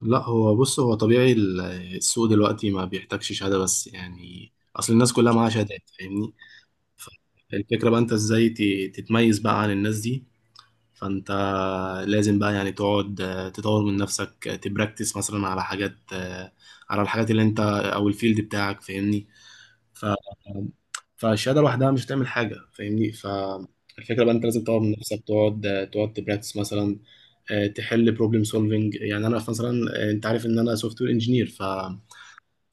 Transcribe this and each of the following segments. لا، هو بص هو طبيعي السوق دلوقتي ما بيحتاجش شهادة بس، يعني أصل الناس كلها معاها شهادات، فاهمني؟ فالفكرة بقى أنت إزاي تتميز بقى عن الناس دي. فأنت لازم بقى يعني تقعد، تطور من نفسك، تبراكتس مثلا على حاجات، على الحاجات اللي أنت أو الفيلد بتاعك، فاهمني؟ ف فالشهادة لوحدها مش هتعمل حاجة، فاهمني؟ فالفكرة بقى أنت لازم تطور من نفسك تقعد، تقعد تبراكتس مثلا، تحل بروبلم سولفنج. يعني انا مثلا، انت عارف ان انا سوفت وير انجينير.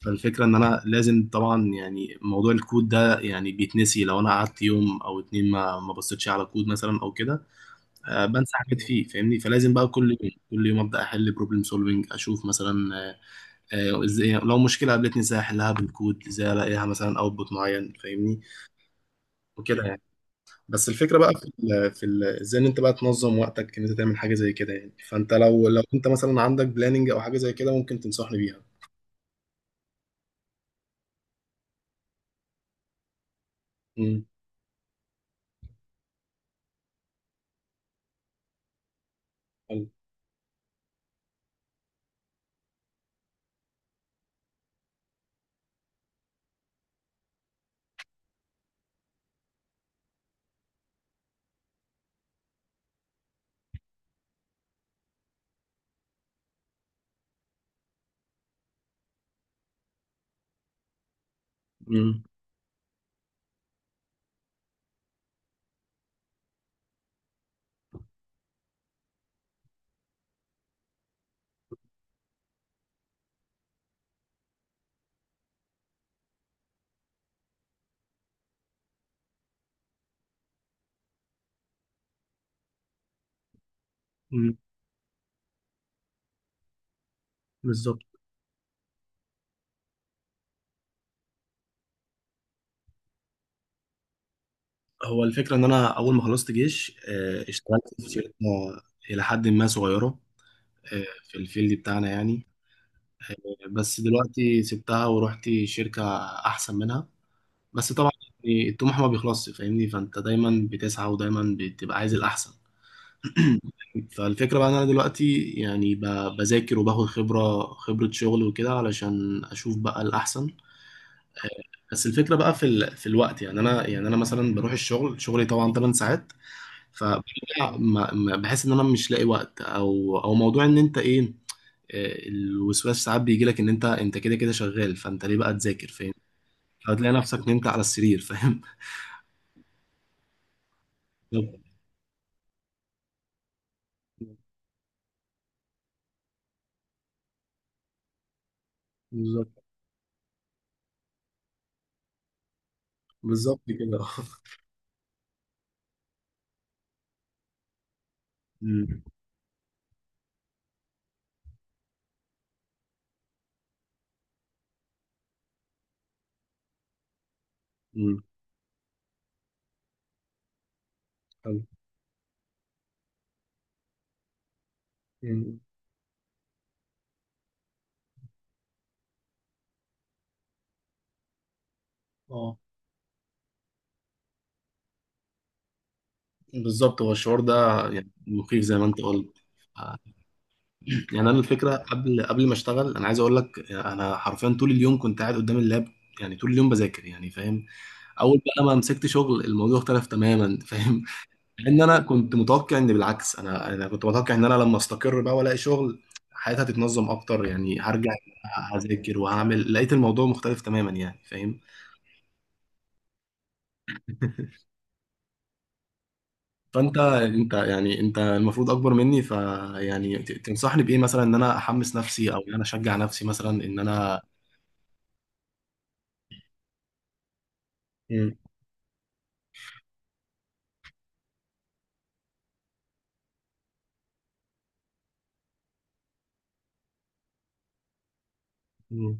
فالفكره ان انا لازم طبعا، يعني موضوع الكود ده يعني بيتنسي، لو انا قعدت يوم او اتنين ما بصيتش على كود مثلا او كده، بنسى حاجات فيه، فاهمني؟ فلازم بقى كل يوم كل يوم ابدا احل بروبلم سولفنج، اشوف مثلا، ازاي لو مشكله قابلتني ازاي احلها بالكود، ازاي الاقيها مثلا اوتبوت معين، فاهمني؟ وكده يعني. بس الفكره بقى في ال في ال ازاي ان انت بقى تنظم وقتك، ان انت تعمل حاجه زي كده، يعني فانت لو انت مثلا عندك بلاننج او حاجه زي كده ممكن تنصحني بيها. امم. حلو. امم، امم. بالظبط. هو الفكره ان انا اول ما خلصت جيش، اشتغلت في شركه الى حد ما صغيره، آه، في الفيلد بتاعنا يعني، بس دلوقتي سبتها ورحت شركه احسن منها. بس طبعا يعني الطموح ما بيخلصش، فاهمني؟ فانت دايما بتسعى ودايما بتبقى عايز الاحسن. فالفكرة بقى ان انا دلوقتي يعني بذاكر وباخد خبرة شغل وكده، علشان اشوف بقى الاحسن. آه، بس الفكرة بقى في في الوقت. يعني انا مثلا بروح الشغل، شغلي طبعا 8 ساعات، فبرجع ما بحس ان انا مش لاقي وقت، او موضوع ان انت ايه، الوسواس ساعات بيجي لك ان انت كده كده شغال، فانت ليه بقى تذاكر، فاهم؟ فهتلاقي نفسك نمت على السرير، فاهم؟ بالظبط، بالظبط كده. مم. مم. حلو. مم. اه. بالظبط. هو الشعور ده يعني مخيف زي ما انت قلت. آه، يعني انا الفكره قبل ما اشتغل، انا عايز اقول لك انا حرفيا طول اليوم كنت قاعد قدام اللاب، يعني طول اليوم بذاكر، يعني فاهم؟ اول بقى ما مسكت شغل الموضوع اختلف تماما. فاهم؟ مع ان انا كنت متوقع ان بالعكس، انا كنت متوقع ان انا لما استقر بقى والاقي شغل حياتي هتتنظم اكتر، يعني هرجع هذاكر وهعمل، لقيت الموضوع مختلف تماما، يعني فاهم؟ فانت يعني انت المفروض اكبر مني، فيعني تنصحني بايه، مثلا ان انا احمس نفسي او ان انا اشجع نفسي مثلا ان انا. مم. مم.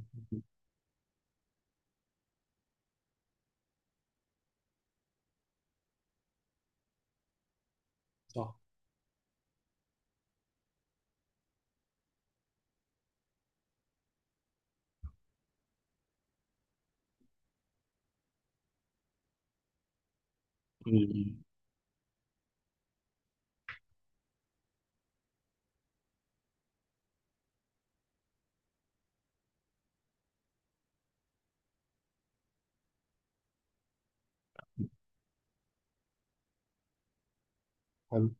صح. مم. حلو.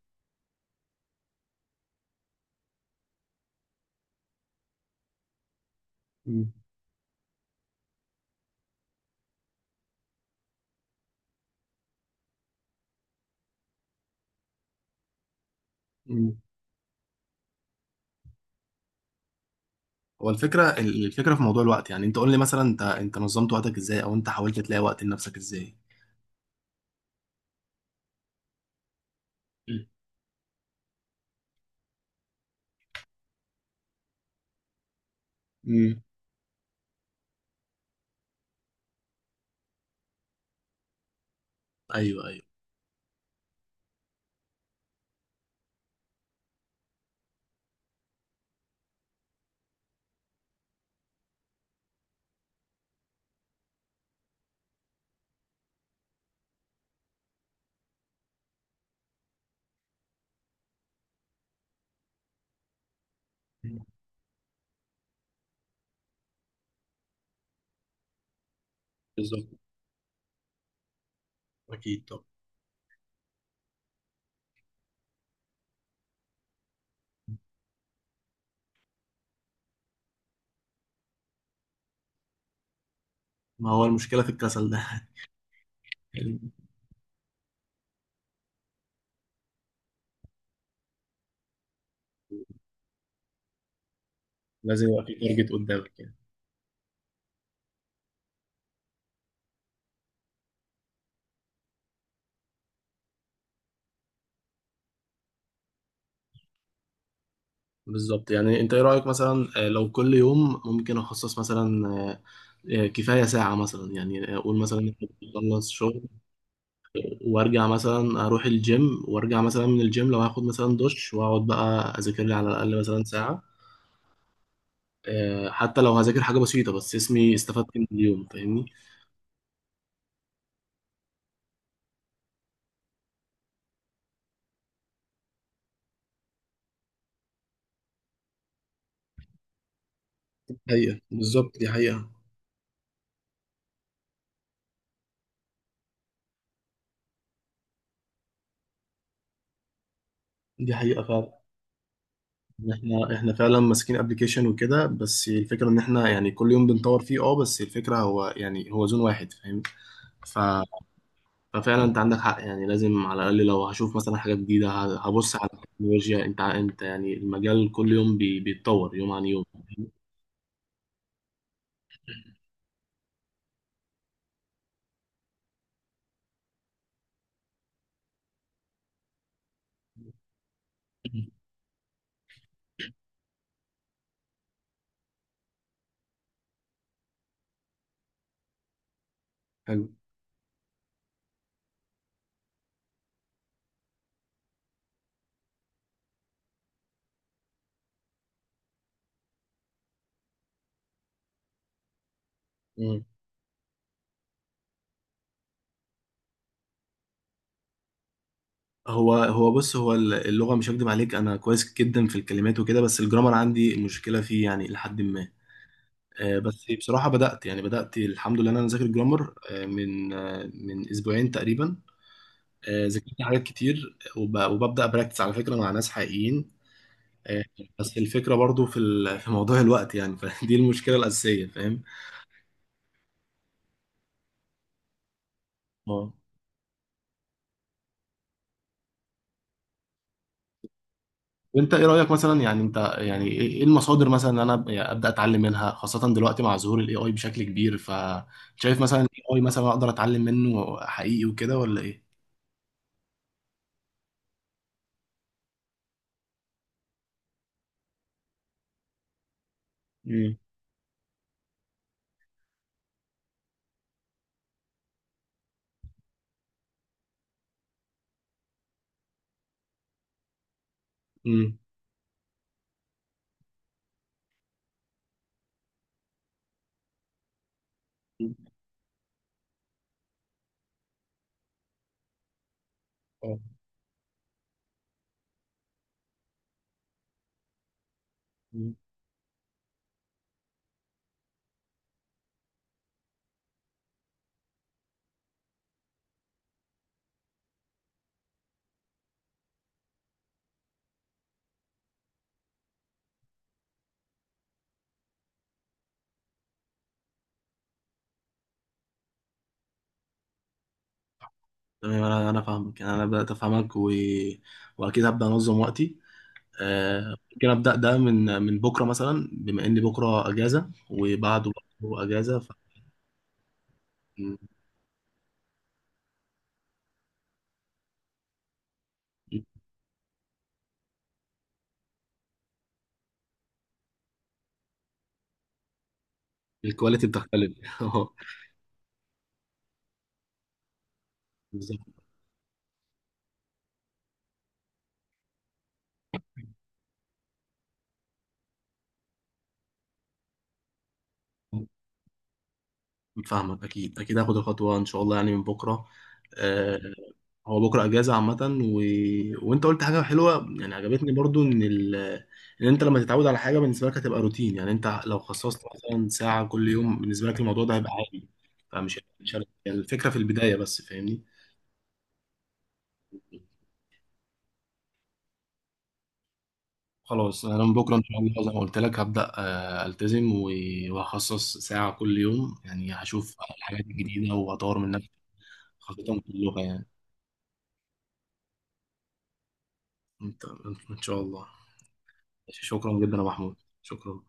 مم. مم. هو الفكره في موضوع الوقت، يعني انت قول لي مثلا انت نظمت وقتك ازاي، او انت حاولت تلاقي وقت لنفسك ازاي؟ مم. مم. ايوه، ايوه. بالظبط. اكيد. طب، ما هو المشكله في الكسل ده. لازم يبقى في تارجت قدامك. بالظبط. يعني انت ايه رأيك مثلا، لو كل يوم ممكن اخصص مثلا، كفاية ساعة مثلا، يعني اقول مثلا إن أنا بخلص شغل وارجع مثلا اروح الجيم، وارجع مثلا من الجيم لو هاخد مثلا دش واقعد بقى اذاكر لي على الاقل مثلا ساعة. حتى لو هذاكر حاجة بسيطة، بس اسمي استفدت من اليوم، فاهمني؟ حقيقة، بالظبط، دي حقيقة، دي حقيقة فعلا، إن احنا فعلا ماسكين ابلكيشن وكده، بس الفكرة ان احنا يعني كل يوم بنطور فيه اه، بس الفكرة هو يعني هو زون واحد، فاهم؟ ف ففعلا انت عندك حق، يعني لازم على الاقل لو هشوف مثلا حاجه جديده، هبص على التكنولوجيا. انت يعني المجال كل يوم بيتطور يوم عن يوم. حلو. مم. هو بص، هو اللغه مش هكدب عليك، انا كويس جدا في الكلمات وكده، بس الجرامر عندي مشكله فيه يعني الى حد ما. بس بصراحه بدات الحمد لله، إن انا ذاكر جرامر، من اسبوعين تقريبا. ذاكرت حاجات كتير وببدا براكتس على فكره مع ناس حقيقيين. آه، بس الفكرة برضو في في موضوع الوقت، يعني فدي المشكلة الأساسية، فاهم؟ اه. وانت ايه رأيك مثلا، يعني انت يعني إيه المصادر مثلا ان انا يعني ابدأ اتعلم منها، خاصة دلوقتي مع ظهور الاي اي بشكل كبير، فشايف مثلا الاي اي مثلا اقدر اتعلم منه حقيقي وكده، ولا ايه؟ مم. امم. اه. مم. تمام، انا فاهمك، يعني انا بدأت افهمك، و... واكيد هبدأ انظم وقتي. ممكن ابدأ ده من بكرة، مثلا بما ان بكرة اجازة وبعده برضه اجازة. ف... الكواليتي بتختلف. اه. بالظبط. فاهمك، اكيد اكيد هاخد الخطوه ان شاء الله، يعني من بكره. آه. هو بكره اجازه عامه، و... وانت قلت حاجه حلوه، يعني عجبتني برضو ان انت لما تتعود على حاجه بالنسبه لك هتبقى روتين، يعني انت لو خصصت مثلا ساعه كل يوم بالنسبه لك الموضوع ده هيبقى عادي. فمش مش هت- يعني الفكره في البدايه بس، فاهمني؟ خلاص انا من بكره ان شاء الله زي ما قلت لك هبدا، التزم، و- وهخصص ساعه كل يوم، يعني هشوف الحاجات الجديده واطور من نفسي. خطتهم في اللغة يعني. انت ان شاء الله. شكرا جدا يا محمود. شكرا.